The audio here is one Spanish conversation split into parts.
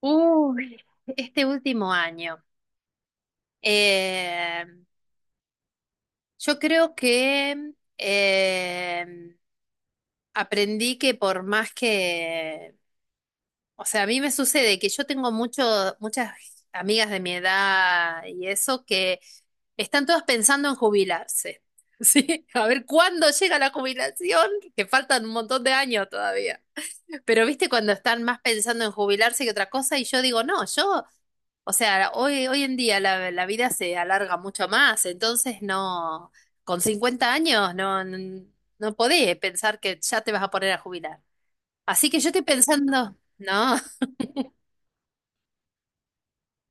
Uy, este último año. Eh, yo creo que aprendí que por más que, o sea, a mí me sucede que yo tengo muchas amigas de mi edad y eso que están todas pensando en jubilarse. Sí, a ver cuándo llega la jubilación, que faltan un montón de años todavía. Pero viste cuando están más pensando en jubilarse que otra cosa y yo digo, no, yo, o sea, hoy en día la vida se alarga mucho más, entonces no, con 50 años no, no podés pensar que ya te vas a poner a jubilar. Así que yo estoy pensando, no,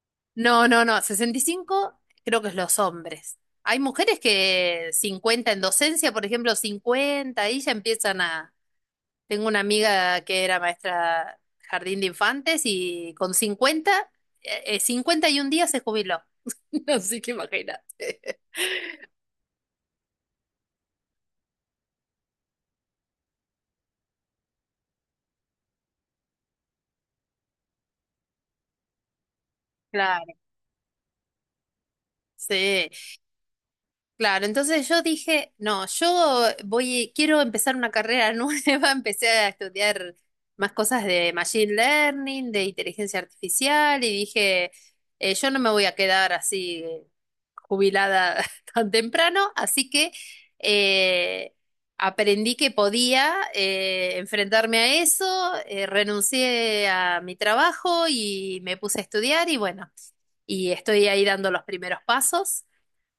no, 65 creo que es los hombres. Hay mujeres que 50 en docencia, por ejemplo, 50 y ya empiezan a, tengo una amiga que era maestra jardín de infantes y con 50, 51 días se jubiló. Así que imagínate. Claro. Sí, claro, entonces yo dije, no, yo voy, quiero empezar una carrera nueva, empecé a estudiar más cosas de machine learning, de inteligencia artificial, y dije, yo no me voy a quedar así, jubilada tan temprano, así que eh, aprendí que podía, enfrentarme a eso, renuncié a mi trabajo y me puse a estudiar y bueno, y estoy ahí dando los primeros pasos.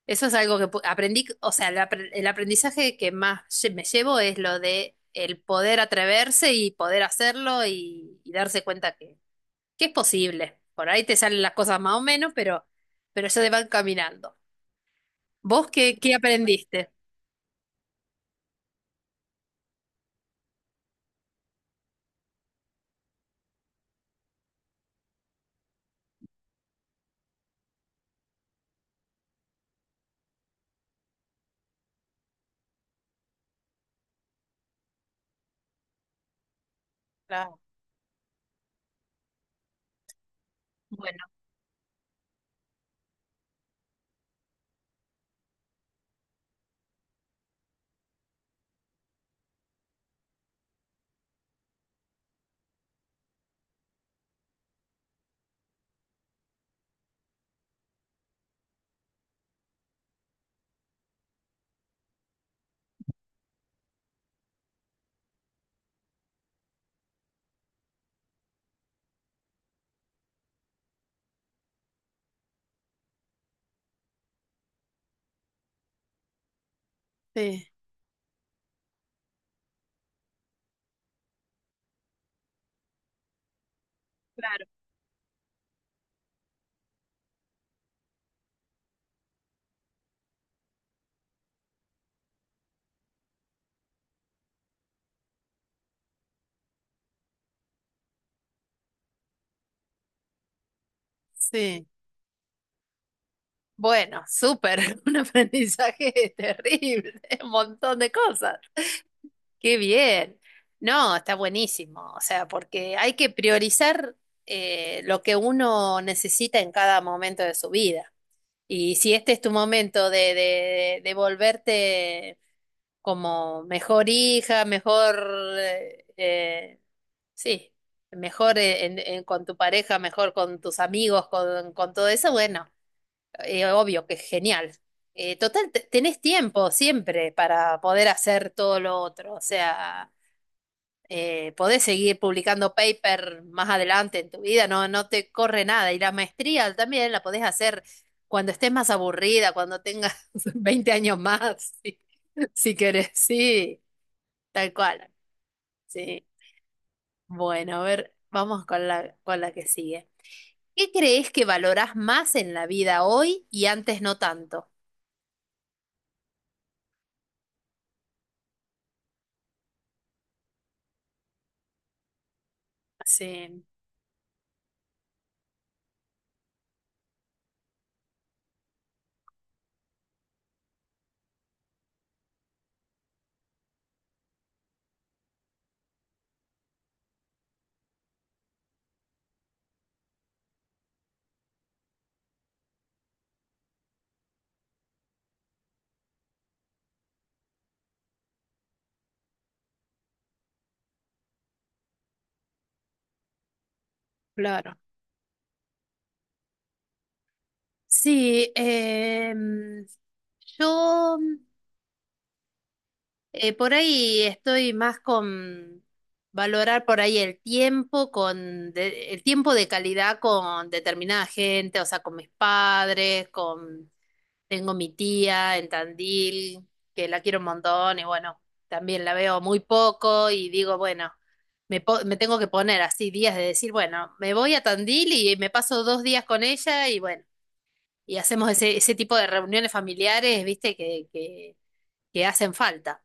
Eso es algo que aprendí, o sea, el el aprendizaje que más me llevo es lo de el poder atreverse y poder hacerlo y darse cuenta que es posible. Por ahí te salen las cosas más o menos, pero ya te van caminando. ¿Vos qué, qué aprendiste? Claro, bueno, sí, claro. Sí. Bueno, súper, un aprendizaje terrible, un montón de cosas. Qué bien. No, está buenísimo. O sea, porque hay que priorizar, lo que uno necesita en cada momento de su vida. Y si este es tu momento de volverte como mejor hija, mejor, eh, eh, sí, mejor con tu pareja, mejor con tus amigos, con todo eso, bueno, obvio que es genial. Total, tenés tiempo siempre para poder hacer todo lo otro, o sea, podés seguir publicando paper más adelante en tu vida, no, no te corre nada. Y la maestría también la podés hacer cuando estés más aburrida, cuando tengas 20 años más, si, si querés. Sí, tal cual. Sí. Bueno, a ver, vamos con con la que sigue. ¿Qué crees que valorás más en la vida hoy y antes no tanto? Sí, claro. Sí, yo, por ahí estoy más con valorar por ahí el tiempo con el tiempo de calidad con determinada gente, o sea, con mis padres, con, tengo mi tía en Tandil, que la quiero un montón y bueno, también la veo muy poco y digo, bueno, me tengo que poner así días de decir, bueno, me voy a Tandil y me paso 2 días con ella y bueno, y hacemos ese, ese tipo de reuniones familiares, viste, que hacen falta.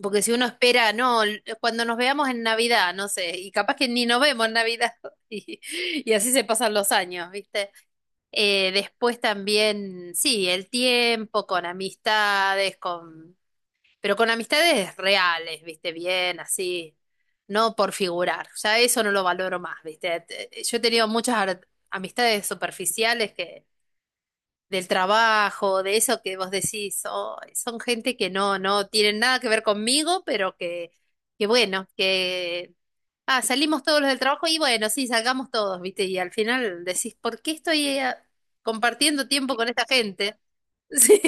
Porque si uno espera, no, cuando nos veamos en Navidad, no sé, y capaz que ni nos vemos en Navidad, y, y así se pasan los años, ¿viste? Después también, sí, el tiempo, con amistades, con, pero con amistades reales, ¿viste? Bien, así, no por figurar, ya eso no lo valoro más, ¿viste? Yo he tenido muchas amistades superficiales que del trabajo, de eso que vos decís, "Oh, son gente que no, no tienen nada que ver conmigo, pero que bueno, que ah, salimos todos los del trabajo y bueno, sí, salgamos todos, ¿viste?" Y al final decís, ¿por qué estoy, compartiendo tiempo con esta gente? Sí,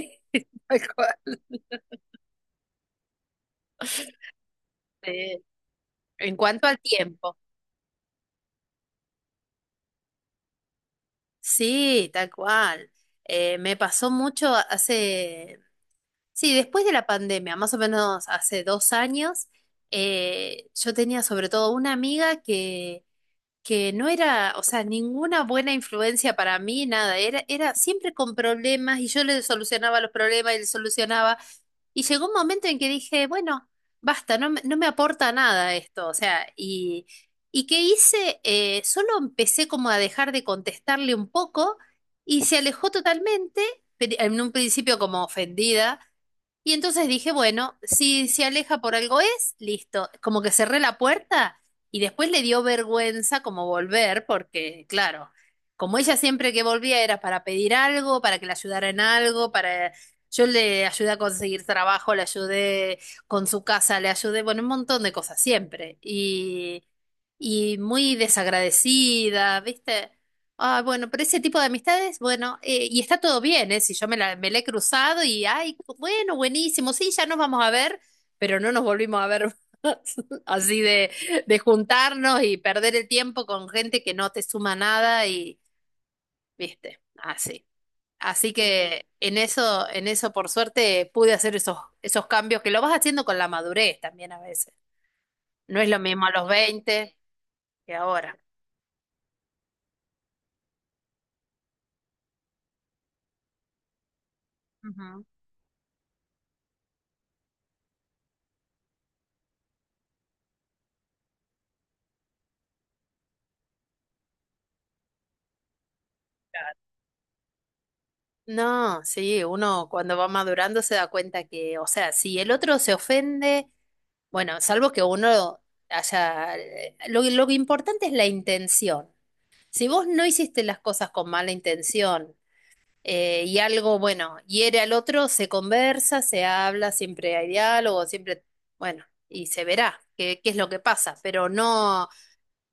tal cual. Eh, en cuanto al tiempo. Sí, tal cual. Me pasó mucho hace Sí, después de la pandemia, más o menos hace 2 años, yo tenía sobre todo una amiga que no era, o sea, ninguna buena influencia para mí, nada, era siempre con problemas y yo le solucionaba los problemas y le solucionaba. Y llegó un momento en que dije, bueno, basta, no, no me aporta nada esto, o sea, y ¿qué hice? Solo empecé como a dejar de contestarle un poco y se alejó totalmente, pero en un principio como ofendida. Y entonces dije, bueno, si se aleja por algo es, listo, como que cerré la puerta y después le dio vergüenza como volver, porque claro, como ella siempre que volvía era para pedir algo, para que la ayudara en algo, para... Yo le ayudé a conseguir trabajo, le ayudé con su casa, le ayudé, bueno, un montón de cosas siempre. Y muy desagradecida, ¿viste? Ah, bueno, pero ese tipo de amistades, bueno, y está todo bien, ¿eh? Si yo me la he cruzado y, ay, bueno, buenísimo, sí, ya nos vamos a ver, pero no nos volvimos a ver más. Así de juntarnos y perder el tiempo con gente que no te suma nada y, viste, así. Así que en eso, por suerte, pude hacer esos, esos cambios que lo vas haciendo con la madurez también a veces. No es lo mismo a los veinte que ahora. Ujú. No, sí, uno cuando va madurando se da cuenta que, o sea, si el otro se ofende, bueno, salvo que uno haya... Lo importante es la intención. Si vos no hiciste las cosas con mala intención, y algo, bueno, hiere al otro, se conversa, se habla, siempre hay diálogo, siempre, bueno, y se verá qué, qué es lo que pasa, pero no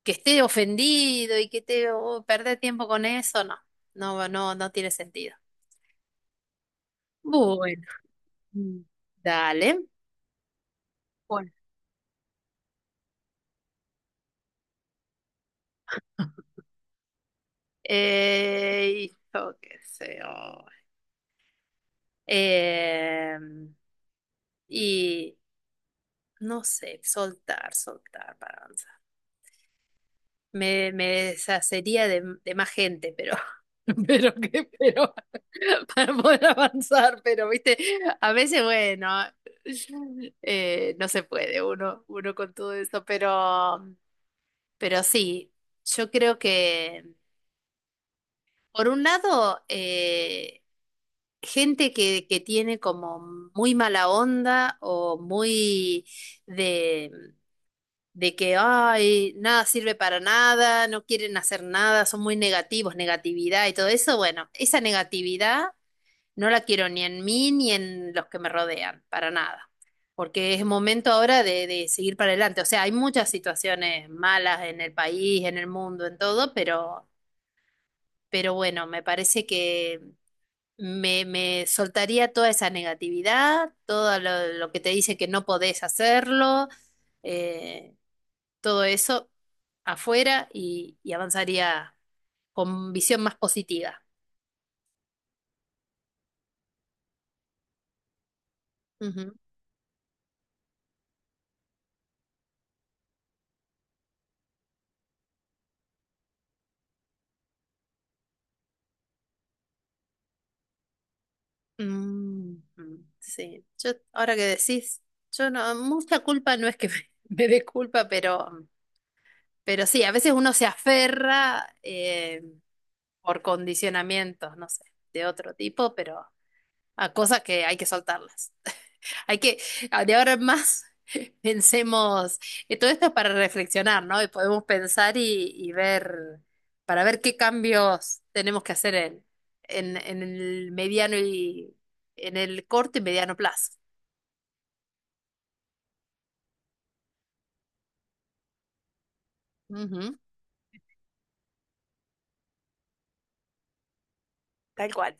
que esté ofendido y que te oh, perder tiempo con eso, no, no tiene sentido. Bueno, mm, dale. Bueno. Yo qué sé. Oh. Eh, y no sé, soltar, soltar, para, me deshacería de más gente, pero, pero que, pero para poder avanzar, pero viste, a veces, bueno, no se puede uno, uno con todo eso, pero sí, yo creo que, por un lado, gente que tiene como muy mala onda o muy de que, ay, nada sirve para nada, no quieren hacer nada, son muy negativos, negatividad y todo eso, bueno, esa negatividad no la quiero ni en mí ni en los que me rodean, para nada. Porque es momento ahora de seguir para adelante. O sea, hay muchas situaciones malas en el país, en el mundo, en todo, pero bueno, me parece que me soltaría toda esa negatividad, todo lo que te dice que no podés hacerlo. eh, Todo eso afuera y avanzaría con visión más positiva. Ujú. Sí, yo ahora que decís, yo no, mucha culpa no es que me dé culpa, pero sí, a veces uno se aferra, por condicionamientos, no sé, de otro tipo, pero a cosas que hay que soltarlas. Hay que, ah, de ahora en más, pensemos, todo esto es para reflexionar, ¿no? Y podemos pensar y ver, para ver qué cambios tenemos que hacer en el mediano y en el corto y mediano plazo. Ujú. Tal cual.